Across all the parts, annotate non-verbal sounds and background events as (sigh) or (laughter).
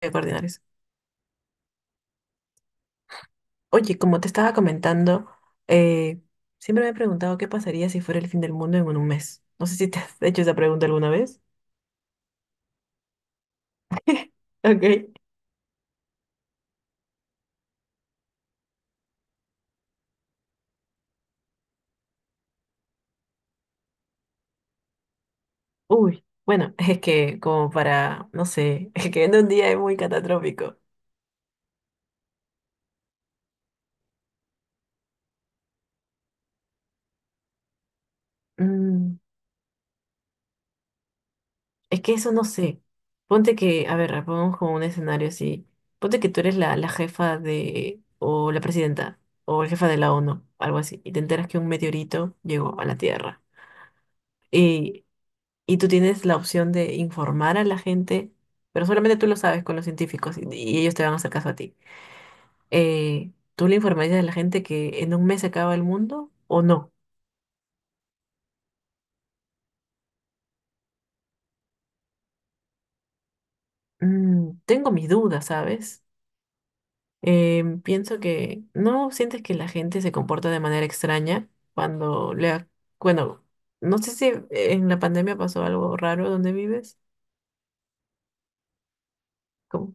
De coordinar eso. Oye, como te estaba comentando, eh, siempre me he preguntado qué pasaría si fuera el fin del mundo en un mes. No sé si te has hecho esa pregunta alguna vez. (laughs) Ok. Uy, bueno, es que como para, no sé, (laughs) es que en un día es muy catastrófico. Mm, es que eso no sé. Ponte que, a ver, pongamos como un escenario así. Ponte que tú eres la jefa de, o la presidenta, o el jefa de la ONU, algo así, y te enteras que un meteorito llegó a la Tierra. y y tú tienes la opción de informar a la gente, pero solamente tú lo sabes con los científicos y ellos te van a hacer caso a ti. ¿Tú le informarías a la gente que en un mes se acaba el mundo o no? Tengo mis dudas, ¿sabes? Pienso que no sientes que la gente se comporta de manera extraña cuando le bueno, no sé si en la pandemia pasó algo raro donde vives. ¿Cómo?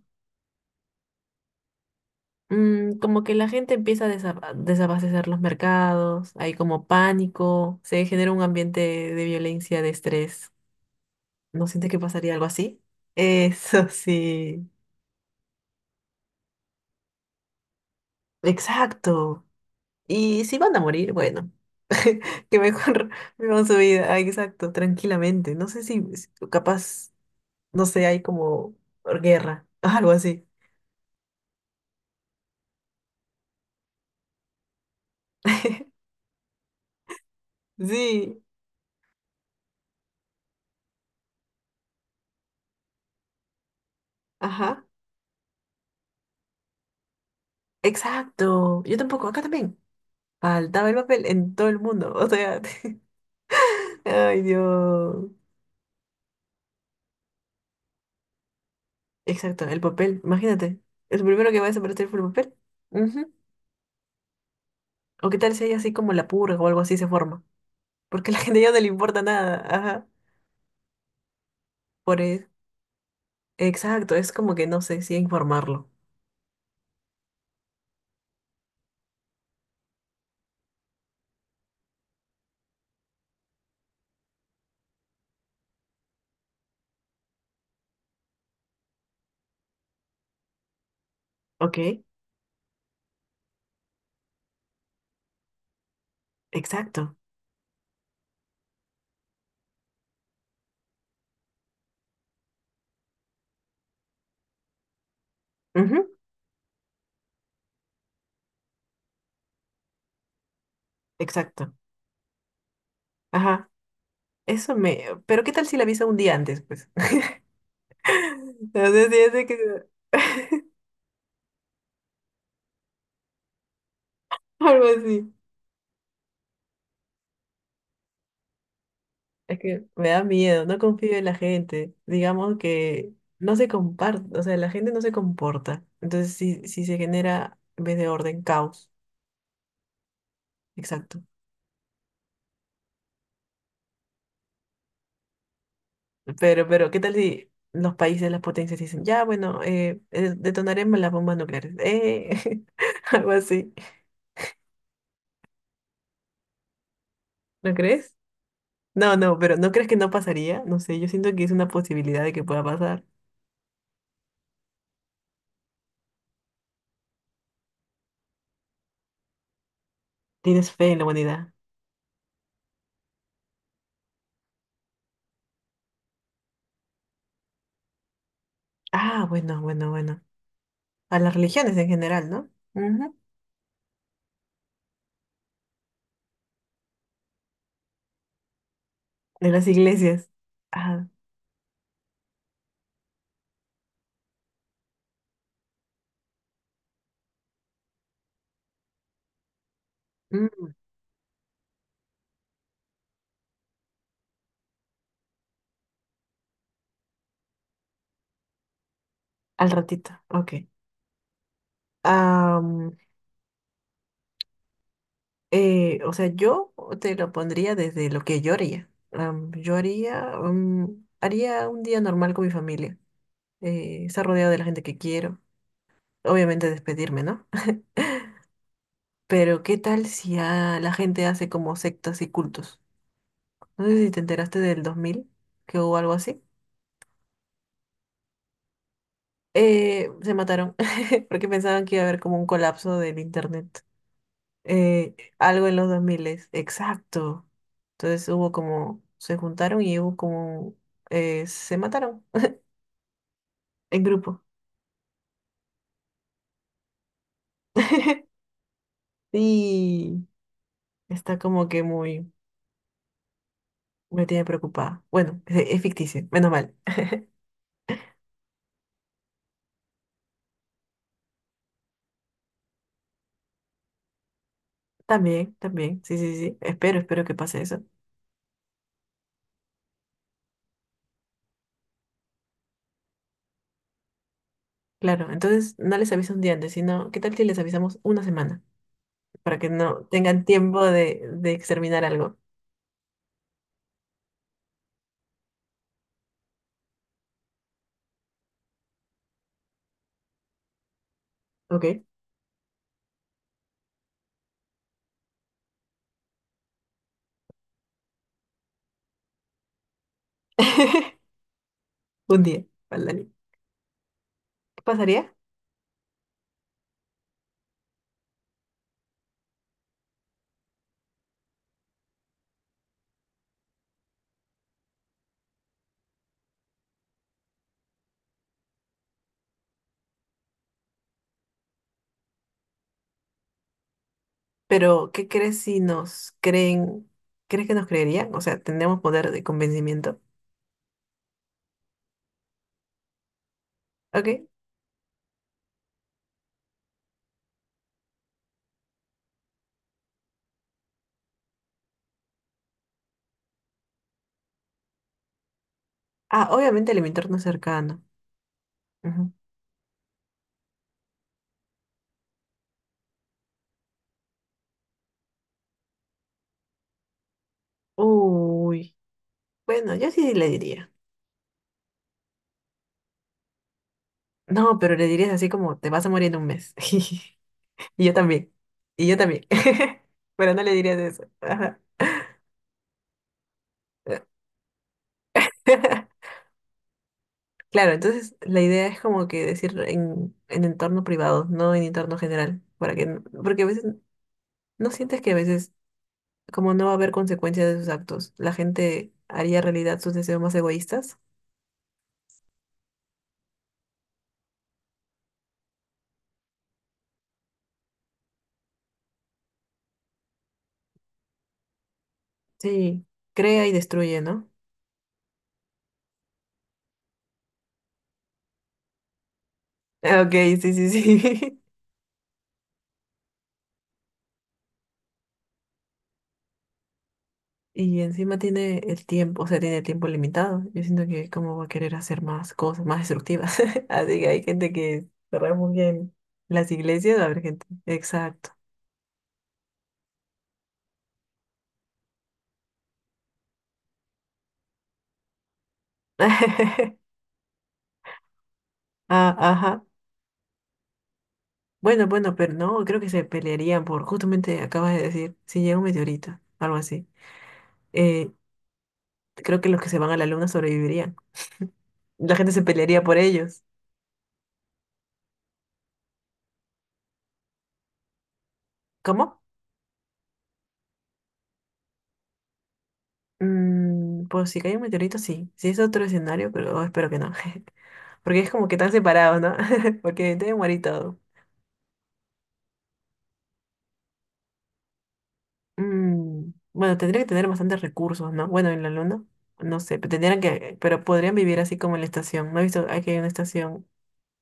Como que la gente empieza a desabastecer los mercados, hay como pánico, se genera un ambiente de violencia, de estrés. ¿No sientes que pasaría algo así? (laughs) Eso sí, exacto. Y si van a morir, bueno, (laughs) que mejor vivan su vida, ah, exacto, tranquilamente. No sé si capaz, no sé, hay como guerra, (laughs) algo así. (laughs) Sí, ajá, exacto. Yo tampoco, acá también. Faltaba el papel en todo el mundo. O sea, (laughs) ay Dios. Exacto, el papel. Imagínate. El primero que va a desaparecer fue el papel. Ujú. O qué tal si hay así como la purga o algo así se forma. Porque a la gente ya no le importa nada. Ajá. Por eso. Exacto, es como que no sé si informarlo. Ok, exacto. Ujú, exacto. Ajá. Eso me. Pero qué tal si la avisa un día antes, pues. (laughs) No sé si hace que. (laughs) Algo así. Es que me da miedo, no confío en la gente. Digamos que no se comparte, o sea, la gente no se comporta. Entonces, si se genera, en vez de orden, caos. Exacto. Pero, ¿qué tal si los países, las potencias dicen, ya, bueno, detonaremos las bombas nucleares? (laughs) Algo así. ¿No crees? No, no, pero ¿no crees que no pasaría? No sé, yo siento que es una posibilidad de que pueda pasar. ¿Tienes fe en la humanidad? Ah, bueno, bueno, bueno. A las religiones en general, ¿no? Ujú. De las iglesias. Ajá. Mm, Al ratito. Ok. Am, o sea, yo te lo pondría desde lo que yo haría. Yo haría un día normal con mi familia. Estar rodeado de la gente que quiero. Obviamente despedirme, ¿no? Pero ¿qué tal si a la gente hace como sectas y cultos? No sé si te enteraste del 2000, que hubo algo así. Se mataron (laughs) porque pensaban que iba a haber como un colapso del internet. Algo en los 2000, exacto. Entonces hubo como, se juntaron y hubo como, se mataron (laughs) en grupo. (laughs) Y está como que muy, me tiene preocupada. Bueno, es ficticio, menos mal. También, también, sí, sí, sí. Espero, espero que pase eso. Claro, entonces no les aviso un día antes, sino, ¿qué tal si les avisamos una semana? Para que no tengan tiempo de exterminar algo. Ok. (laughs) Un día, ándale. ¿Qué pasaría? Pero, ¿qué crees si nos creen? ¿Crees que nos creerían? O sea, ¿tendríamos poder de convencimiento? Ok. Ah, obviamente el entorno cercano. Ujú. Uy. Bueno, yo sí le diría. No, pero le dirías así como, te vas a morir en un mes. (laughs) Y yo también. Y yo también. (laughs) Pero no le dirías eso. Ajá. (laughs) Claro, entonces la idea es como que decir en entorno privado, no en entorno general, para que, porque a veces no sientes que a veces como no va a haber consecuencias de sus actos, la gente haría realidad sus deseos más egoístas. Sí, crea y destruye, ¿no? Ah, Ok, sí, sí, sí. (laughs) Y encima tiene el tiempo, o sea, tiene el tiempo limitado. Yo siento que cómo va a querer hacer más cosas más destructivas. (laughs) Así que hay gente que cerrar muy bien las iglesias, va a haber gente. Exacto. (laughs) Ah, ajá. Bueno, bueno, pero no, creo que se pelearían por, justamente acabas de decir, si llega un meteorito, algo así. Eh, Creo que los que se van a la luna sobrevivirían. La gente se pelearía por ellos. ¿Cómo? Pues si cae un meteorito, sí. Si es otro escenario, pero espero que no. (laughs) Porque es como que están separados, ¿no? (laughs) Porque debe morir todo. Bueno, tendría que tener bastantes recursos, ¿no? Bueno, en la luna, no sé, pero tendrían que, pero podrían vivir así como en la estación. No he visto, aquí hay una estación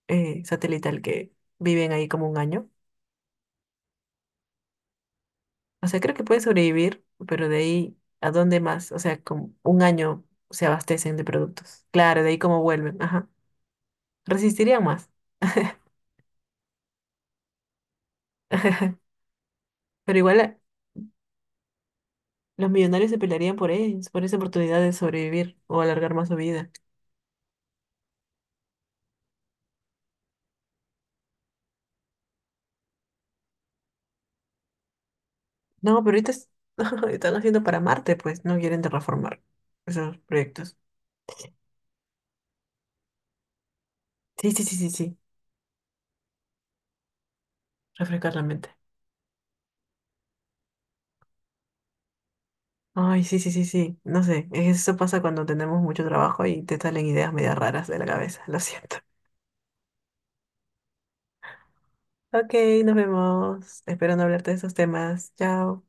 satelital que viven ahí como un año. O sea, creo que pueden sobrevivir, pero de ahí, ¿a dónde más? O sea, como un año se abastecen de productos. Claro, de ahí cómo vuelven, ajá. Resistirían más, pero igual los millonarios se pelearían por ellos, por esa oportunidad de sobrevivir o alargar más su vida. No, pero ahorita. (laughs) Están haciendo para Marte, pues no quieren terraformar esos proyectos. Sí, sí, sí, sí, sí, refrescar la mente. Ay, sí, sí, sí, sí, no sé, eso pasa cuando tenemos mucho trabajo y te salen ideas medio raras de la cabeza, lo siento. Ok, nos vemos. Espero no hablarte de esos temas. Chao.